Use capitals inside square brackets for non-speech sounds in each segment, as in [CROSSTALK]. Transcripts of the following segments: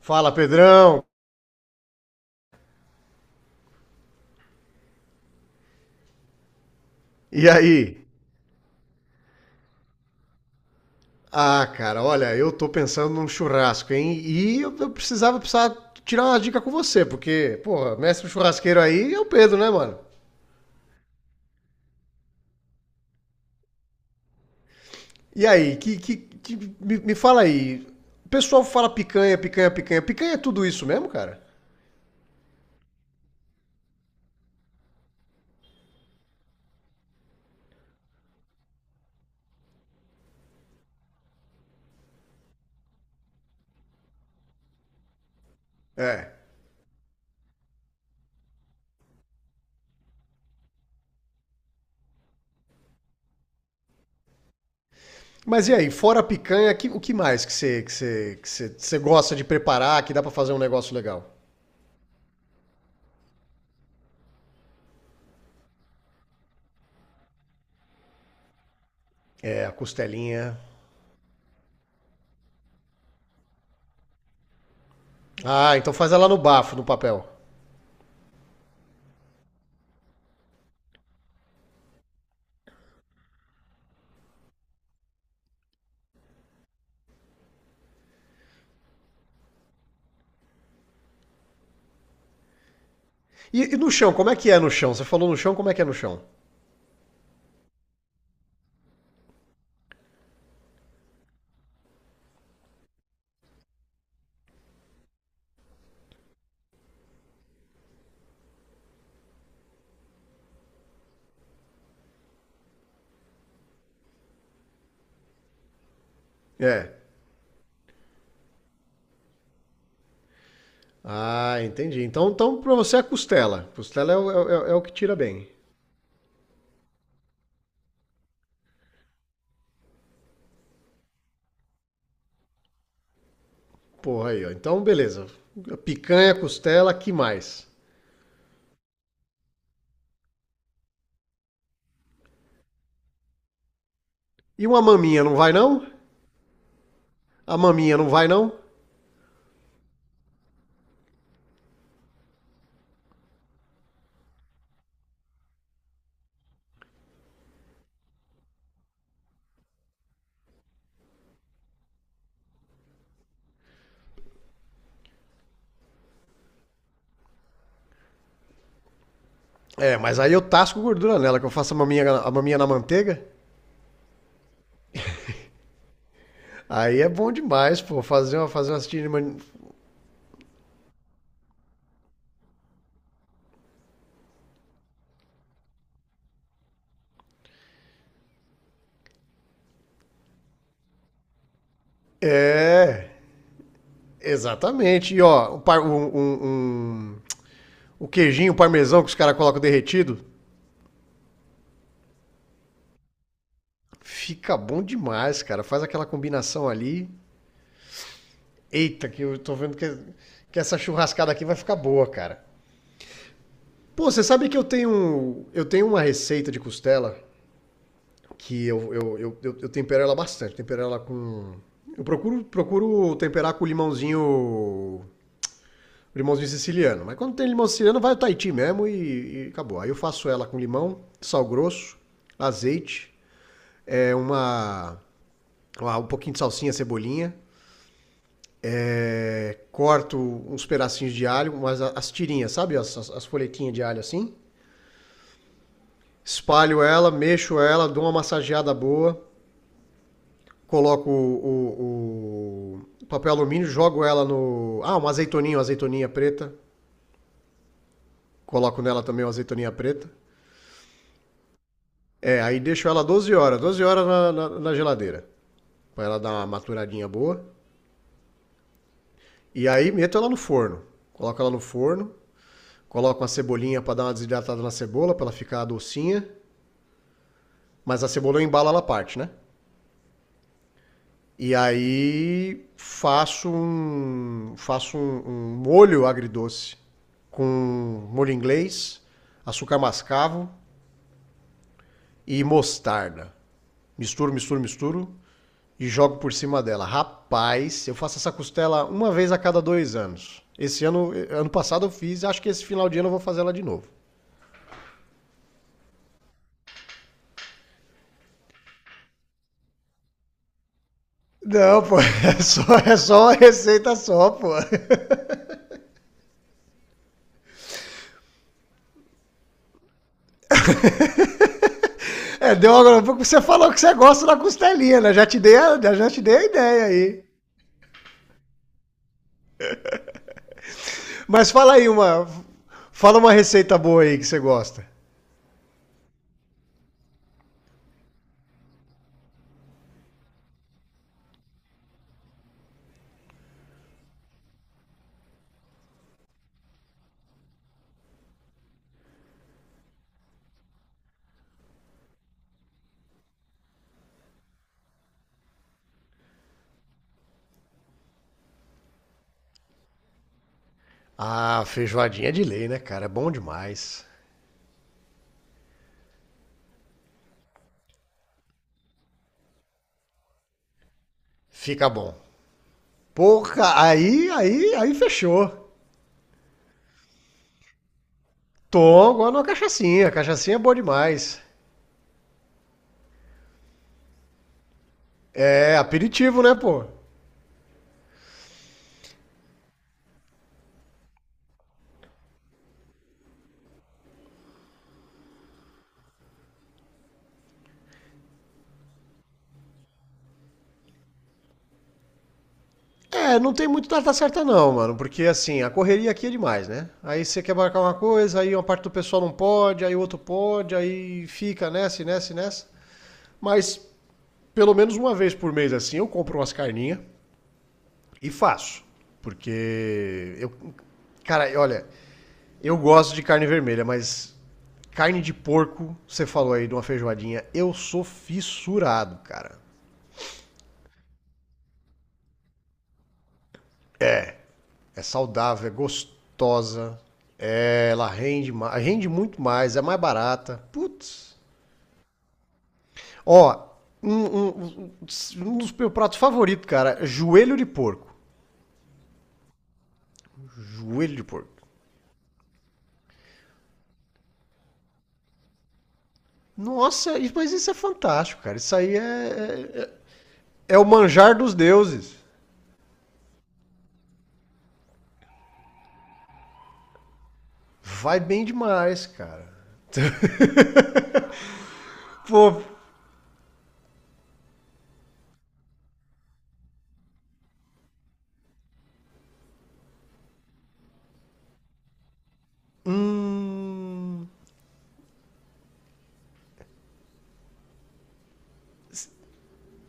Fala, Pedrão! E aí? Ah, cara, olha, eu tô pensando num churrasco, hein? E eu precisava, precisava tirar uma dica com você, porque, porra, mestre churrasqueiro aí é o Pedro, né, mano? E aí, me fala aí, o pessoal fala picanha, picanha, picanha. Picanha é tudo isso mesmo, cara? É. Mas e aí, fora a picanha, o que mais que você gosta de preparar que dá pra fazer um negócio legal? É, a costelinha. Ah, então faz ela no bafo, no papel. E no chão, como é que é no chão? Você falou no chão, como é que é no chão? É. Ah, entendi. Então, então pra você é costela. Costela é, é o que tira bem. Porra aí, ó. Então, beleza. Picanha, costela, que mais? E uma maminha não vai, não? A maminha não vai, não? É, mas aí eu tasco gordura nela, que eu faço a maminha na manteiga. Aí é bom demais, pô. Fazer uma assistida de É, exatamente. E ó, um- o queijinho, o parmesão que os caras colocam derretido. Fica bom demais, cara. Faz aquela combinação ali. Eita, que eu tô vendo que essa churrascada aqui vai ficar boa, cara. Pô, você sabe que eu tenho uma receita de costela que eu tempero ela bastante. Tempero ela com. Eu procuro, procuro temperar com limãozinho. Limãozinho siciliano. Mas quando tem limão siciliano, vai o Tahiti mesmo e acabou. Aí eu faço ela com limão, sal grosso, azeite, é uma, pouquinho de salsinha, cebolinha. É, corto uns pedacinhos de alho, mas as tirinhas, sabe? Folhetinhas de alho assim. Espalho ela, mexo ela, dou uma massageada boa. Coloco o papel alumínio, jogo ela no. Ah, uma azeitoninha preta. Coloco nela também uma azeitoninha preta. É, aí deixo ela 12 horas, 12 horas na geladeira. Pra ela dar uma maturadinha boa. E aí meto ela no forno. Coloco ela no forno. Coloco uma cebolinha pra dar uma desidratada na cebola, pra ela ficar docinha. Mas a cebola eu embalo ela parte, né? E aí faço um molho agridoce com molho inglês, açúcar mascavo e mostarda. Misturo, misturo, misturo e jogo por cima dela. Rapaz, eu faço essa costela uma vez a cada 2 anos. Esse ano, ano passado eu fiz, acho que esse final de ano eu vou fazer ela de novo. Não, pô, [LAUGHS] é só uma receita só, pô. É, deu agora um pouco você falou que você gosta da costelinha, né? Já te dei a, já te dei a ideia aí. Mas fala aí uma. Fala uma receita boa aí que você gosta. Ah, feijoadinha de lei, né, cara? É bom demais. Fica bom. Porra, aí fechou. Tom, agora uma cachaçinha. Cachaçinha é boa demais. É aperitivo, né, pô? É, não tem muito data certa não, mano, porque assim, a correria aqui é demais, né? Aí você quer marcar uma coisa, aí uma parte do pessoal não pode, aí o outro pode, aí fica nessa, e nessa. Mas pelo menos uma vez por mês assim, eu compro umas carninhas e faço, porque eu, cara, olha, eu gosto de carne vermelha, mas carne de porco, você falou aí de uma feijoadinha, eu sou fissurado, cara. É saudável, é gostosa. Ela rende, rende muito mais, é mais barata. Putz. Ó, um, um- dos meus pratos favoritos, cara, é joelho de porco. Joelho de porco. Nossa, mas isso é fantástico, cara. Isso aí é, é, é- é o manjar dos deuses. Vai bem demais, cara. Pô, hum...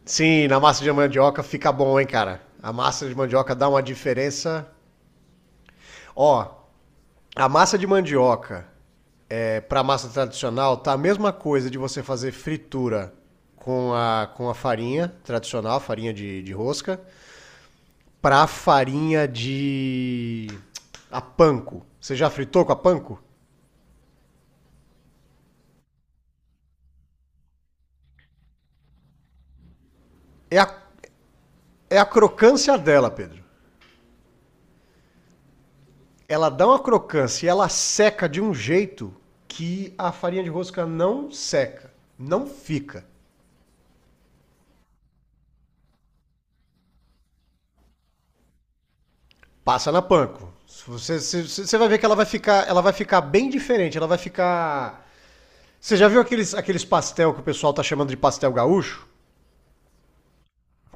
Sim, na massa de mandioca fica bom, hein, cara. A massa de mandioca dá uma diferença. Ó, a massa de mandioca, para massa tradicional, tá a mesma coisa de você fazer fritura com a farinha tradicional, farinha de rosca, para farinha de. A panko. Você já fritou com a panko? É a, é a crocância dela, Pedro. Ela dá uma crocância e ela seca de um jeito que a farinha de rosca não seca, não fica. Passa na panko. Você vai ver que ela vai ficar bem diferente. Ela vai ficar. Você já viu aqueles, aqueles pastel que o pessoal tá chamando de pastel gaúcho?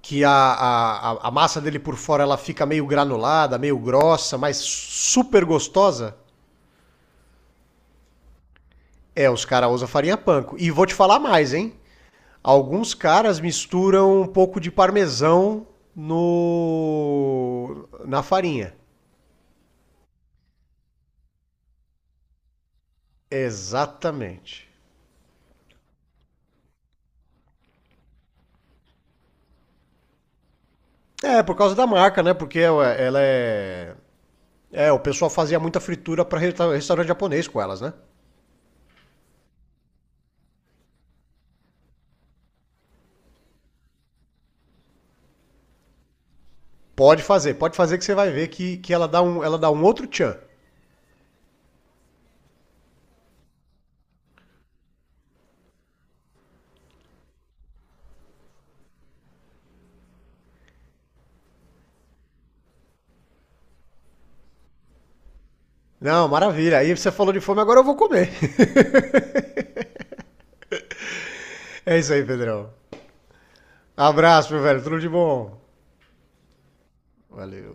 Que a massa dele por fora ela fica meio granulada, meio grossa, mas super gostosa? É, os caras usam farinha panko. E vou te falar mais, hein? Alguns caras misturam um pouco de parmesão no na farinha. Exatamente. É, por causa da marca, né? Porque ela é. É, é, o pessoal fazia muita fritura para restaurante japonês com elas, né? Pode fazer que você vai ver que ela dá um outro tchan. Não, maravilha. Aí você falou de fome, agora eu vou comer. [LAUGHS] É isso aí, Pedrão. Abraço, meu velho. Tudo de bom. Valeu.